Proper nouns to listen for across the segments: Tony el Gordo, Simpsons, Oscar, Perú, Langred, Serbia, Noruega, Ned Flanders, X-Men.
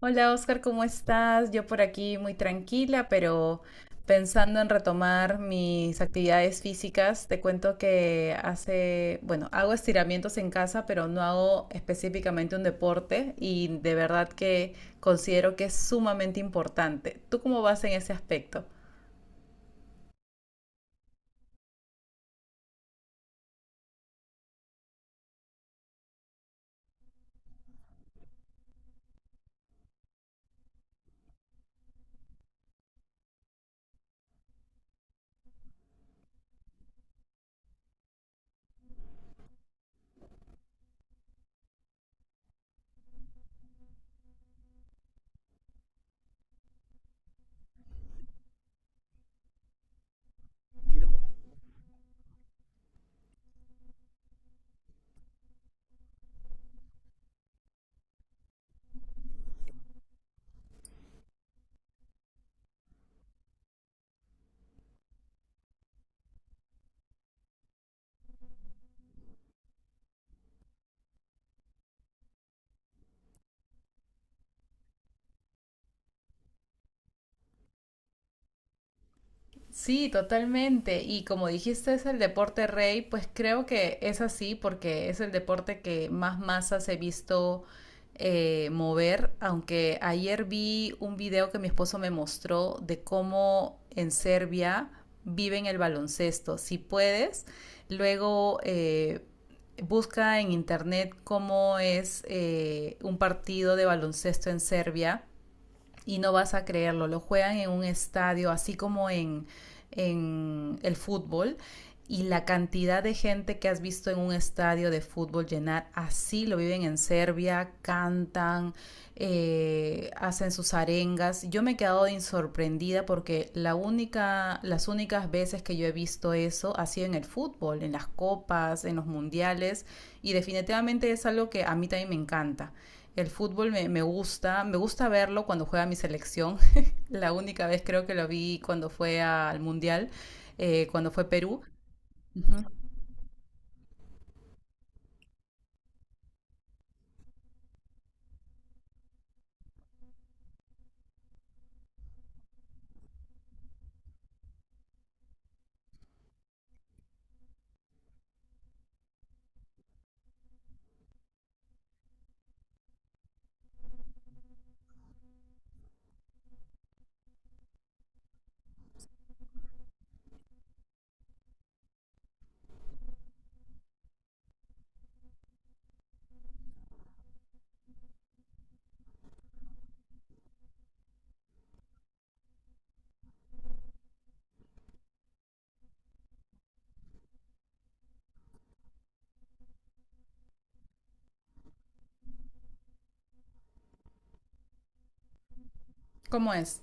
Hola Oscar, ¿cómo estás? Yo por aquí muy tranquila, pero pensando en retomar mis actividades físicas, te cuento que hace, bueno, hago estiramientos en casa, pero no hago específicamente un deporte y de verdad que considero que es sumamente importante. ¿Tú cómo vas en ese aspecto? Sí, totalmente. Y como dijiste, es el deporte rey, pues creo que es así porque es el deporte que más masas he visto mover. Aunque ayer vi un video que mi esposo me mostró de cómo en Serbia viven el baloncesto. Si puedes, luego busca en internet cómo es un partido de baloncesto en Serbia y no vas a creerlo, lo juegan en un estadio, así como en el fútbol. Y la cantidad de gente que has visto en un estadio de fútbol llenar, así lo viven en Serbia, cantan, hacen sus arengas. Yo me he quedado sorprendida porque la única, las únicas veces que yo he visto eso ha sido en el fútbol, en las copas, en los mundiales, y definitivamente es algo que a mí también me encanta. El fútbol me, me gusta verlo cuando juega mi selección. La única vez creo que lo vi cuando fue al Mundial, cuando fue Perú. Ujú. ¿Cómo es?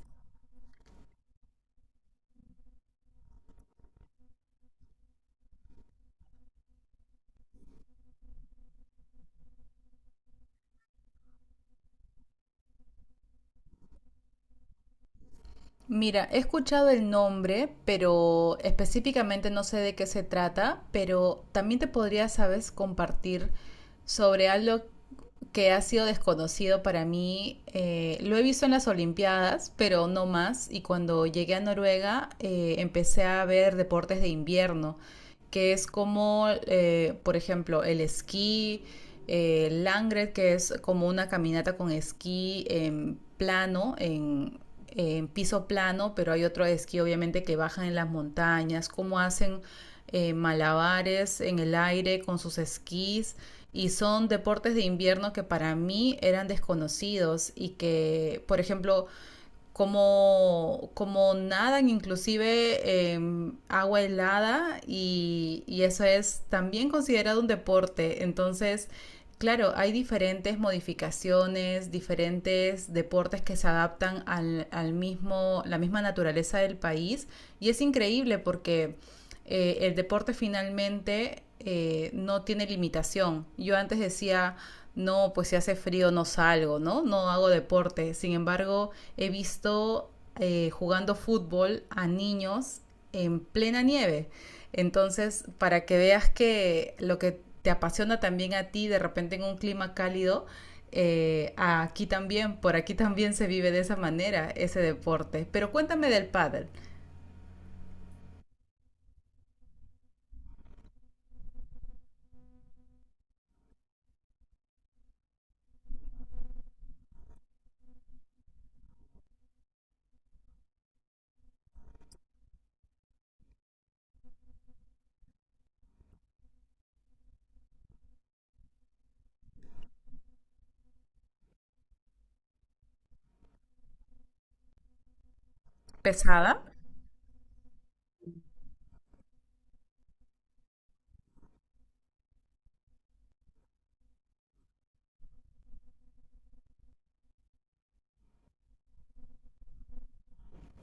Mira, he escuchado el nombre, pero específicamente no sé de qué se trata, pero también te podría, sabes, compartir sobre algo que ha sido desconocido para mí. Lo he visto en las Olimpiadas, pero no más. Y cuando llegué a Noruega, empecé a ver deportes de invierno, que es como, por ejemplo, el esquí, Langred, que es como una caminata con esquí en plano, en piso plano, pero hay otro esquí obviamente que bajan en las montañas, cómo hacen malabares en el aire con sus esquís y son deportes de invierno que para mí eran desconocidos y que, por ejemplo, como, como nadan inclusive en agua helada y eso es también considerado un deporte. Entonces, claro, hay diferentes modificaciones, diferentes deportes que se adaptan al, al mismo, la misma naturaleza del país y es increíble porque el deporte finalmente no tiene limitación. Yo antes decía, no, pues si hace frío no salgo, ¿no? No hago deporte. Sin embargo, he visto jugando fútbol a niños en plena nieve. Entonces, para que veas que lo que te apasiona también a ti de repente en un clima cálido, aquí también, por aquí también se vive de esa manera ese deporte. Pero cuéntame del pádel. ¿Pesada?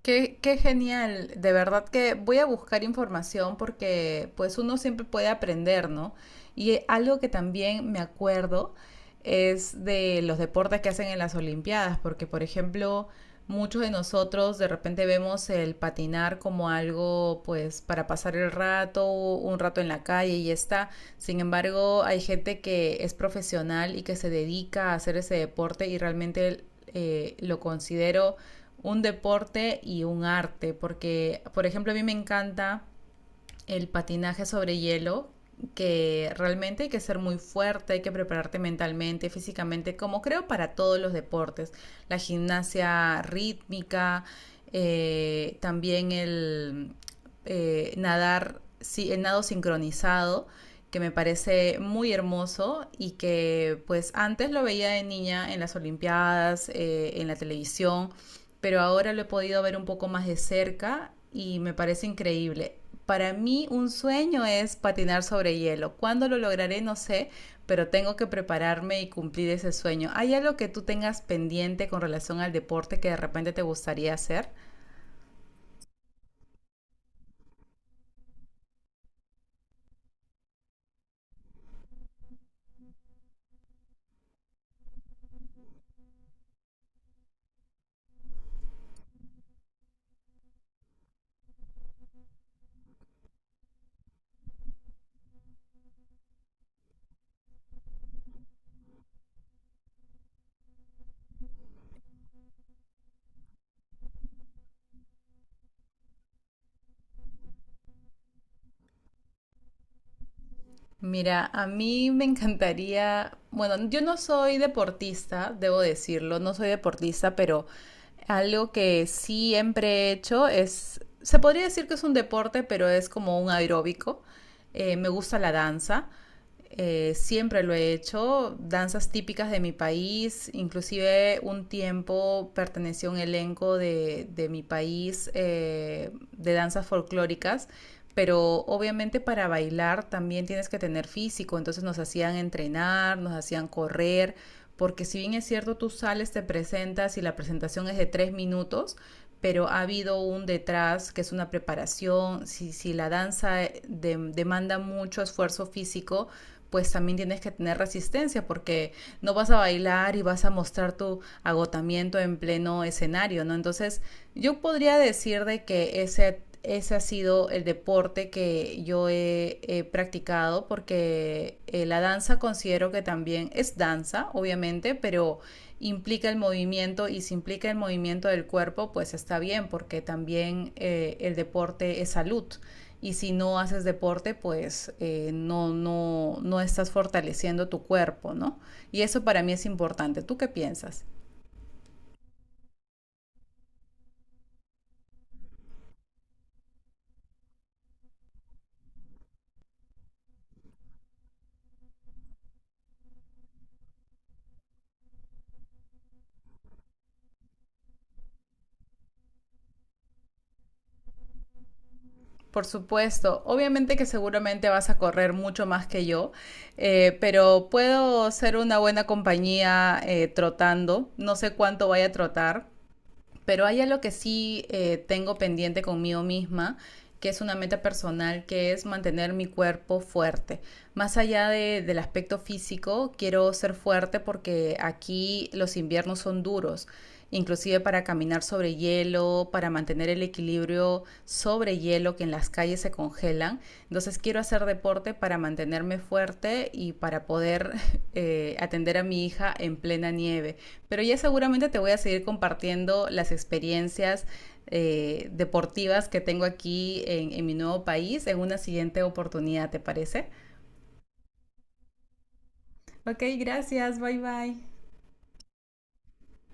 Qué, qué genial, de verdad que voy a buscar información porque pues uno siempre puede aprender, ¿no? Y algo que también me acuerdo es de los deportes que hacen en las Olimpiadas, porque por ejemplo, muchos de nosotros de repente vemos el patinar como algo pues para pasar el rato, un rato en la calle y ya está. Sin embargo, hay gente que es profesional y que se dedica a hacer ese deporte y realmente lo considero un deporte y un arte, porque, por ejemplo, a mí me encanta el patinaje sobre hielo, que realmente hay que ser muy fuerte, hay que prepararte mentalmente, físicamente, como creo para todos los deportes, la gimnasia rítmica, también el nadar, sí, el nado sincronizado, que me parece muy hermoso y que pues antes lo veía de niña en las Olimpiadas, en la televisión, pero ahora lo he podido ver un poco más de cerca y me parece increíble. Para mí un sueño es patinar sobre hielo. ¿Cuándo lo lograré? No sé, pero tengo que prepararme y cumplir ese sueño. ¿Hay algo que tú tengas pendiente con relación al deporte que de repente te gustaría hacer? Mira, a mí me encantaría, bueno, yo no soy deportista, debo decirlo, no soy deportista, pero algo que siempre he hecho es, se podría decir que es un deporte, pero es como un aeróbico. Me gusta la danza, siempre lo he hecho, danzas típicas de mi país, inclusive un tiempo pertenecí a un elenco de mi país de danzas folclóricas, pero obviamente para bailar también tienes que tener físico, entonces nos hacían entrenar, nos hacían correr, porque si bien es cierto, tú sales, te presentas y la presentación es de 3 minutos, pero ha habido un detrás que es una preparación, si, si la danza demanda mucho esfuerzo físico, pues también tienes que tener resistencia porque no vas a bailar y vas a mostrar tu agotamiento en pleno escenario, ¿no? Entonces, yo podría decir de que ese ha sido el deporte que yo he, he practicado porque la danza considero que también es danza, obviamente, pero implica el movimiento y si implica el movimiento del cuerpo, pues está bien porque también el deporte es salud. Y si no haces deporte, pues no, no, no estás fortaleciendo tu cuerpo, ¿no? Y eso para mí es importante. ¿Tú qué piensas? Por supuesto, obviamente que seguramente vas a correr mucho más que yo, pero puedo ser una buena compañía trotando, no sé cuánto vaya a trotar, pero hay algo que sí tengo pendiente conmigo misma, que es una meta personal, que es mantener mi cuerpo fuerte. Más allá de- del aspecto físico, quiero ser fuerte porque aquí los inviernos son duros, inclusive para caminar sobre hielo, para mantener el equilibrio sobre hielo que en las calles se congelan. Entonces quiero hacer deporte para mantenerme fuerte y para poder atender a mi hija en plena nieve. Pero ya seguramente te voy a seguir compartiendo las experiencias deportivas que tengo aquí en mi nuevo país en una siguiente oportunidad, ¿te parece? Ok, gracias, bye bye.